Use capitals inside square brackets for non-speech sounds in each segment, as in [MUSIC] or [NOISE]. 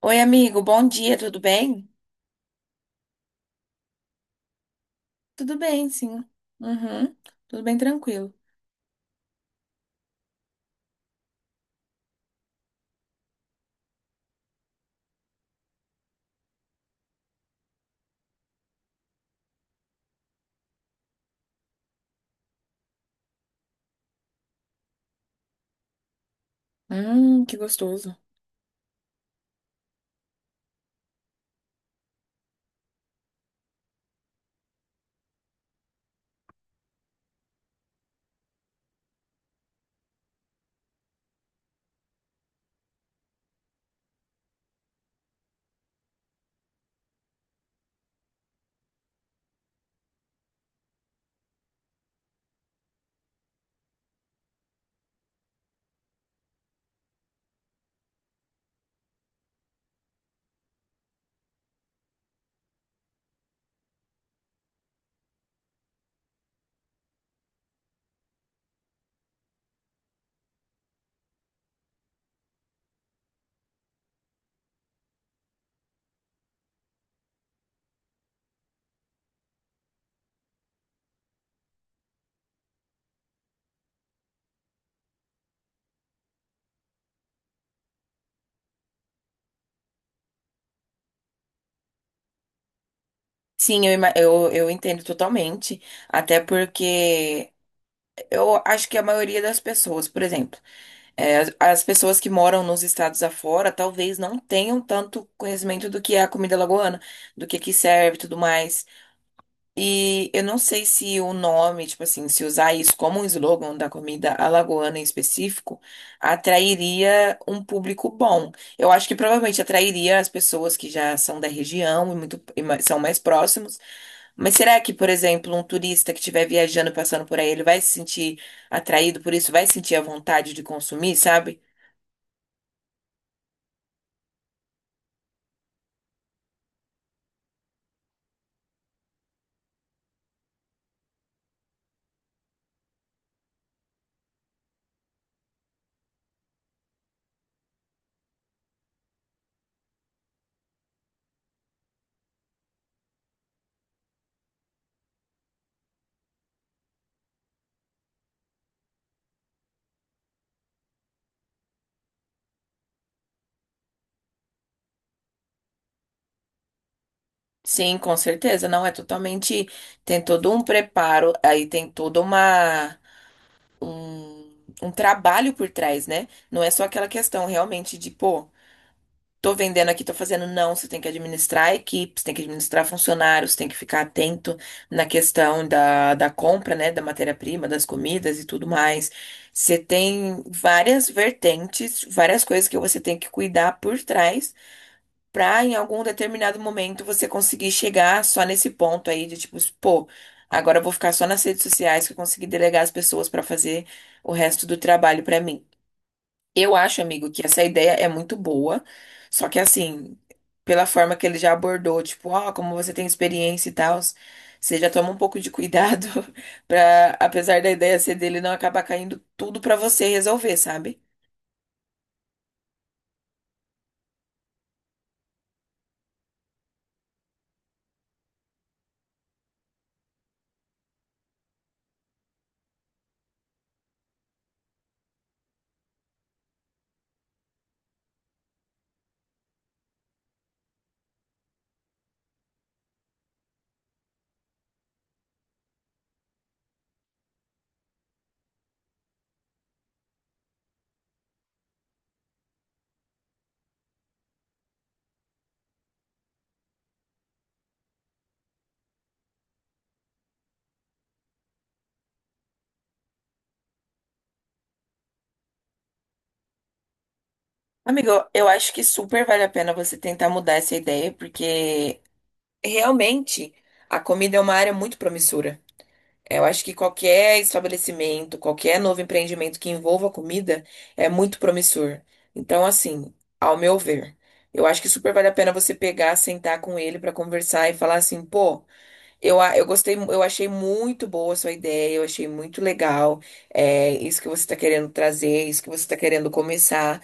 Oi, amigo, bom dia, tudo bem? Tudo bem, sim. Uhum, tudo bem tranquilo. Que gostoso. Sim, eu entendo totalmente. Até porque eu acho que a maioria das pessoas, por exemplo, as, pessoas que moram nos estados afora talvez não tenham tanto conhecimento do que é a comida lagoana, do que serve e tudo mais. E eu não sei se o nome, tipo assim, se usar isso como um slogan da comida alagoana em específico, atrairia um público bom. Eu acho que provavelmente atrairia as pessoas que já são da região e são mais próximos. Mas será que, por exemplo, um turista que estiver viajando, passando por aí, ele vai se sentir atraído por isso? Vai sentir a vontade de consumir, sabe? Sim, com certeza. Não, é totalmente. Tem todo um preparo, aí tem toda um, um trabalho por trás, né? Não é só aquela questão realmente de, pô, tô vendendo aqui, tô fazendo. Não, você tem que administrar a equipe, você tem que administrar funcionários, tem que ficar atento na questão da compra, né? Da matéria-prima, das comidas e tudo mais. Você tem várias vertentes, várias coisas que você tem que cuidar por trás pra em algum determinado momento você conseguir chegar só nesse ponto aí de tipo, pô, agora eu vou ficar só nas redes sociais que eu consegui delegar as pessoas pra fazer o resto do trabalho pra mim. Eu acho, amigo, que essa ideia é muito boa, só que assim, pela forma que ele já abordou, tipo, ó, como você tem experiência e tal, você já toma um pouco de cuidado [LAUGHS] pra, apesar da ideia ser dele, não acabar caindo tudo pra você resolver, sabe? Amigo, eu acho que super vale a pena você tentar mudar essa ideia, porque realmente, a comida é uma área muito promissora. Eu acho que qualquer estabelecimento, qualquer novo empreendimento que envolva comida é muito promissor. Então, assim, ao meu ver, eu acho que super vale a pena você pegar, sentar com ele para conversar e falar assim, pô, eu gostei, eu achei muito boa a sua ideia, eu achei muito legal, é isso que você está querendo trazer, isso que você está querendo começar.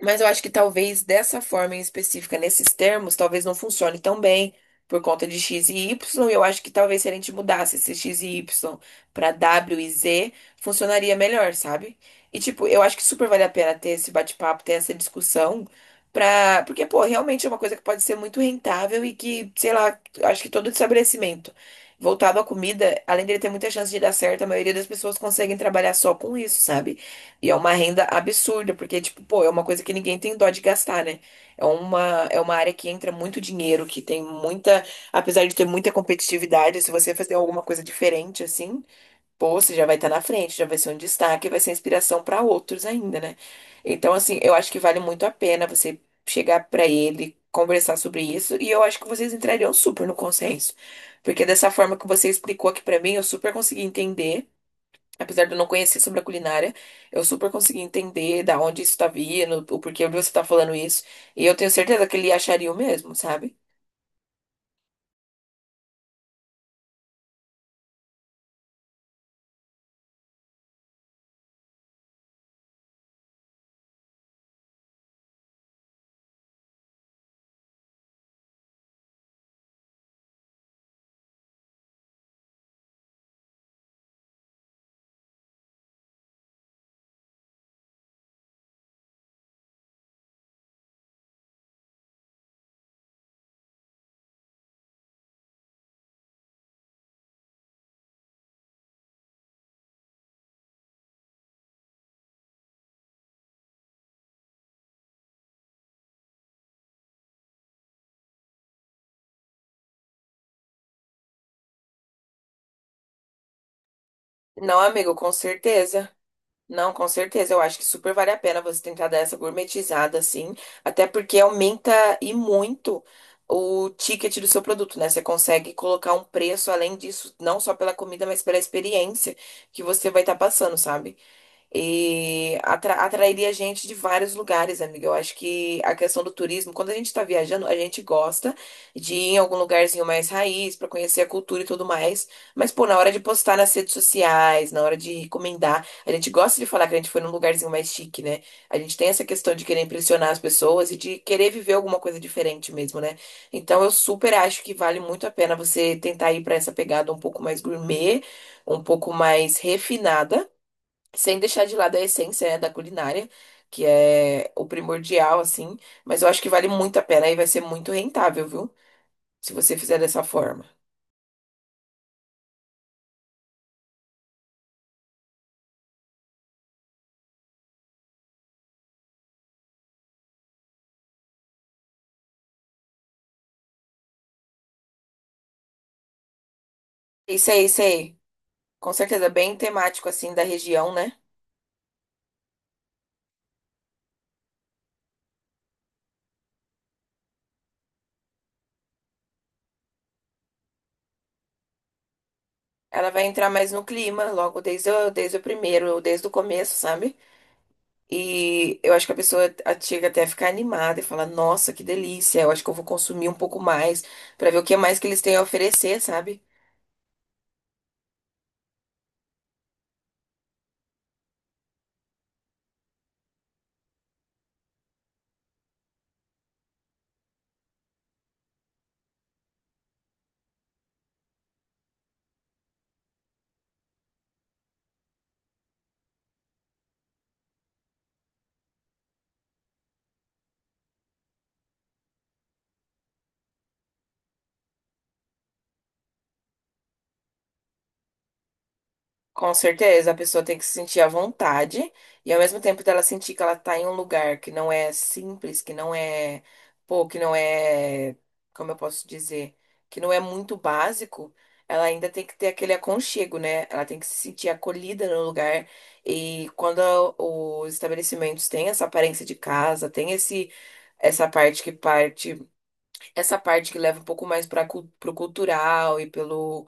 Mas eu acho que talvez dessa forma em específica, nesses termos, talvez não funcione tão bem por conta de X e Y. Eu acho que talvez se a gente mudasse esse X e Y para W e Z, funcionaria melhor, sabe? E tipo, eu acho que super vale a pena ter esse bate-papo, ter essa discussão, pra... porque, pô, realmente é uma coisa que pode ser muito rentável e que, sei lá, eu acho que todo estabelecimento voltado à comida, além dele ter muita chance de dar certo, a maioria das pessoas conseguem trabalhar só com isso, sabe? E é uma renda absurda, porque, tipo, pô, é uma coisa que ninguém tem dó de gastar, né? É uma área que entra muito dinheiro, que tem muita, apesar de ter muita competitividade, se você fazer alguma coisa diferente, assim, pô, você já vai estar na frente, já vai ser um destaque, vai ser inspiração para outros ainda, né? Então, assim, eu acho que vale muito a pena você chegar para ele, conversar sobre isso, e eu acho que vocês entrariam super no consenso. Porque dessa forma que você explicou aqui para mim, eu super consegui entender. Apesar de eu não conhecer sobre a culinária, eu super consegui entender da onde isso tá vindo, o porquê de você tá falando isso. E eu tenho certeza que ele acharia o mesmo, sabe? Não, amigo, com certeza. Não, com certeza. Eu acho que super vale a pena você tentar dar essa gourmetizada, assim, até porque aumenta e muito o ticket do seu produto, né? Você consegue colocar um preço além disso, não só pela comida, mas pela experiência que você vai estar passando, sabe? E atrairia gente de vários lugares, amiga. Eu acho que a questão do turismo, quando a gente está viajando, a gente gosta de ir em algum lugarzinho mais raiz para conhecer a cultura e tudo mais. Mas, pô, na hora de postar nas redes sociais, na hora de recomendar, a gente gosta de falar que a gente foi num lugarzinho mais chique, né? A gente tem essa questão de querer impressionar as pessoas e de querer viver alguma coisa diferente mesmo, né? Então, eu super acho que vale muito a pena você tentar ir para essa pegada um pouco mais gourmet, um pouco mais refinada sem deixar de lado a essência, né, da culinária, que é o primordial, assim. Mas eu acho que vale muito a pena e vai ser muito rentável, viu? Se você fizer dessa forma. Isso aí, isso aí. Com certeza, bem temático, assim, da região, né? Ela vai entrar mais no clima, logo desde o primeiro, desde o começo, sabe? E eu acho que a pessoa chega até a ficar animada e fala, nossa, que delícia, eu acho que eu vou consumir um pouco mais pra ver o que mais que eles têm a oferecer, sabe? Com certeza, a pessoa tem que se sentir à vontade e ao mesmo tempo dela sentir que ela tá em um lugar que não é simples, que não é, pô, que não é, como eu posso dizer, que não é muito básico, ela ainda tem que ter aquele aconchego, né? Ela tem que se sentir acolhida no lugar e quando os estabelecimentos têm essa aparência de casa, tem esse essa parte que parte, essa parte que leva um pouco mais para pro cultural e pelo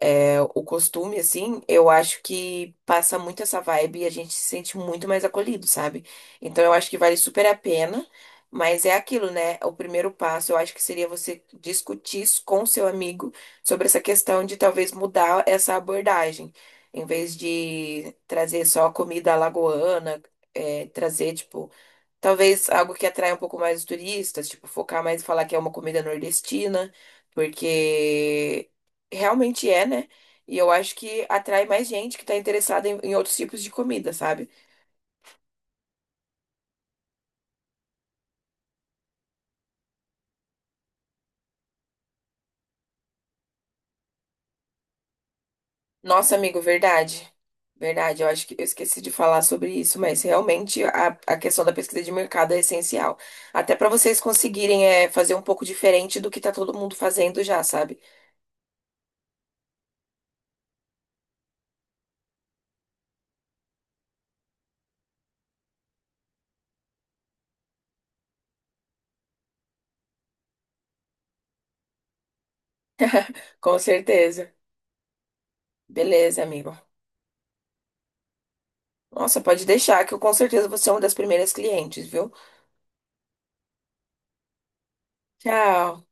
o costume, assim, eu acho que passa muito essa vibe e a gente se sente muito mais acolhido, sabe? Então eu acho que vale super a pena, mas é aquilo, né? O primeiro passo eu acho que seria você discutir isso com seu amigo sobre essa questão de talvez mudar essa abordagem. Em vez de trazer só comida alagoana, é, trazer, tipo. Talvez algo que atrai um pouco mais os turistas, tipo, focar mais e falar que é uma comida nordestina, porque realmente é, né? E eu acho que atrai mais gente que tá interessada em outros tipos de comida, sabe? Nossa, amigo, verdade. Verdade, eu acho que eu esqueci de falar sobre isso, mas realmente a questão da pesquisa de mercado é essencial. Até para vocês conseguirem é, fazer um pouco diferente do que tá todo mundo fazendo já, sabe? Com certeza. Beleza, amigo. Nossa, pode deixar que eu com certeza vou ser uma das primeiras clientes, viu? Tchau.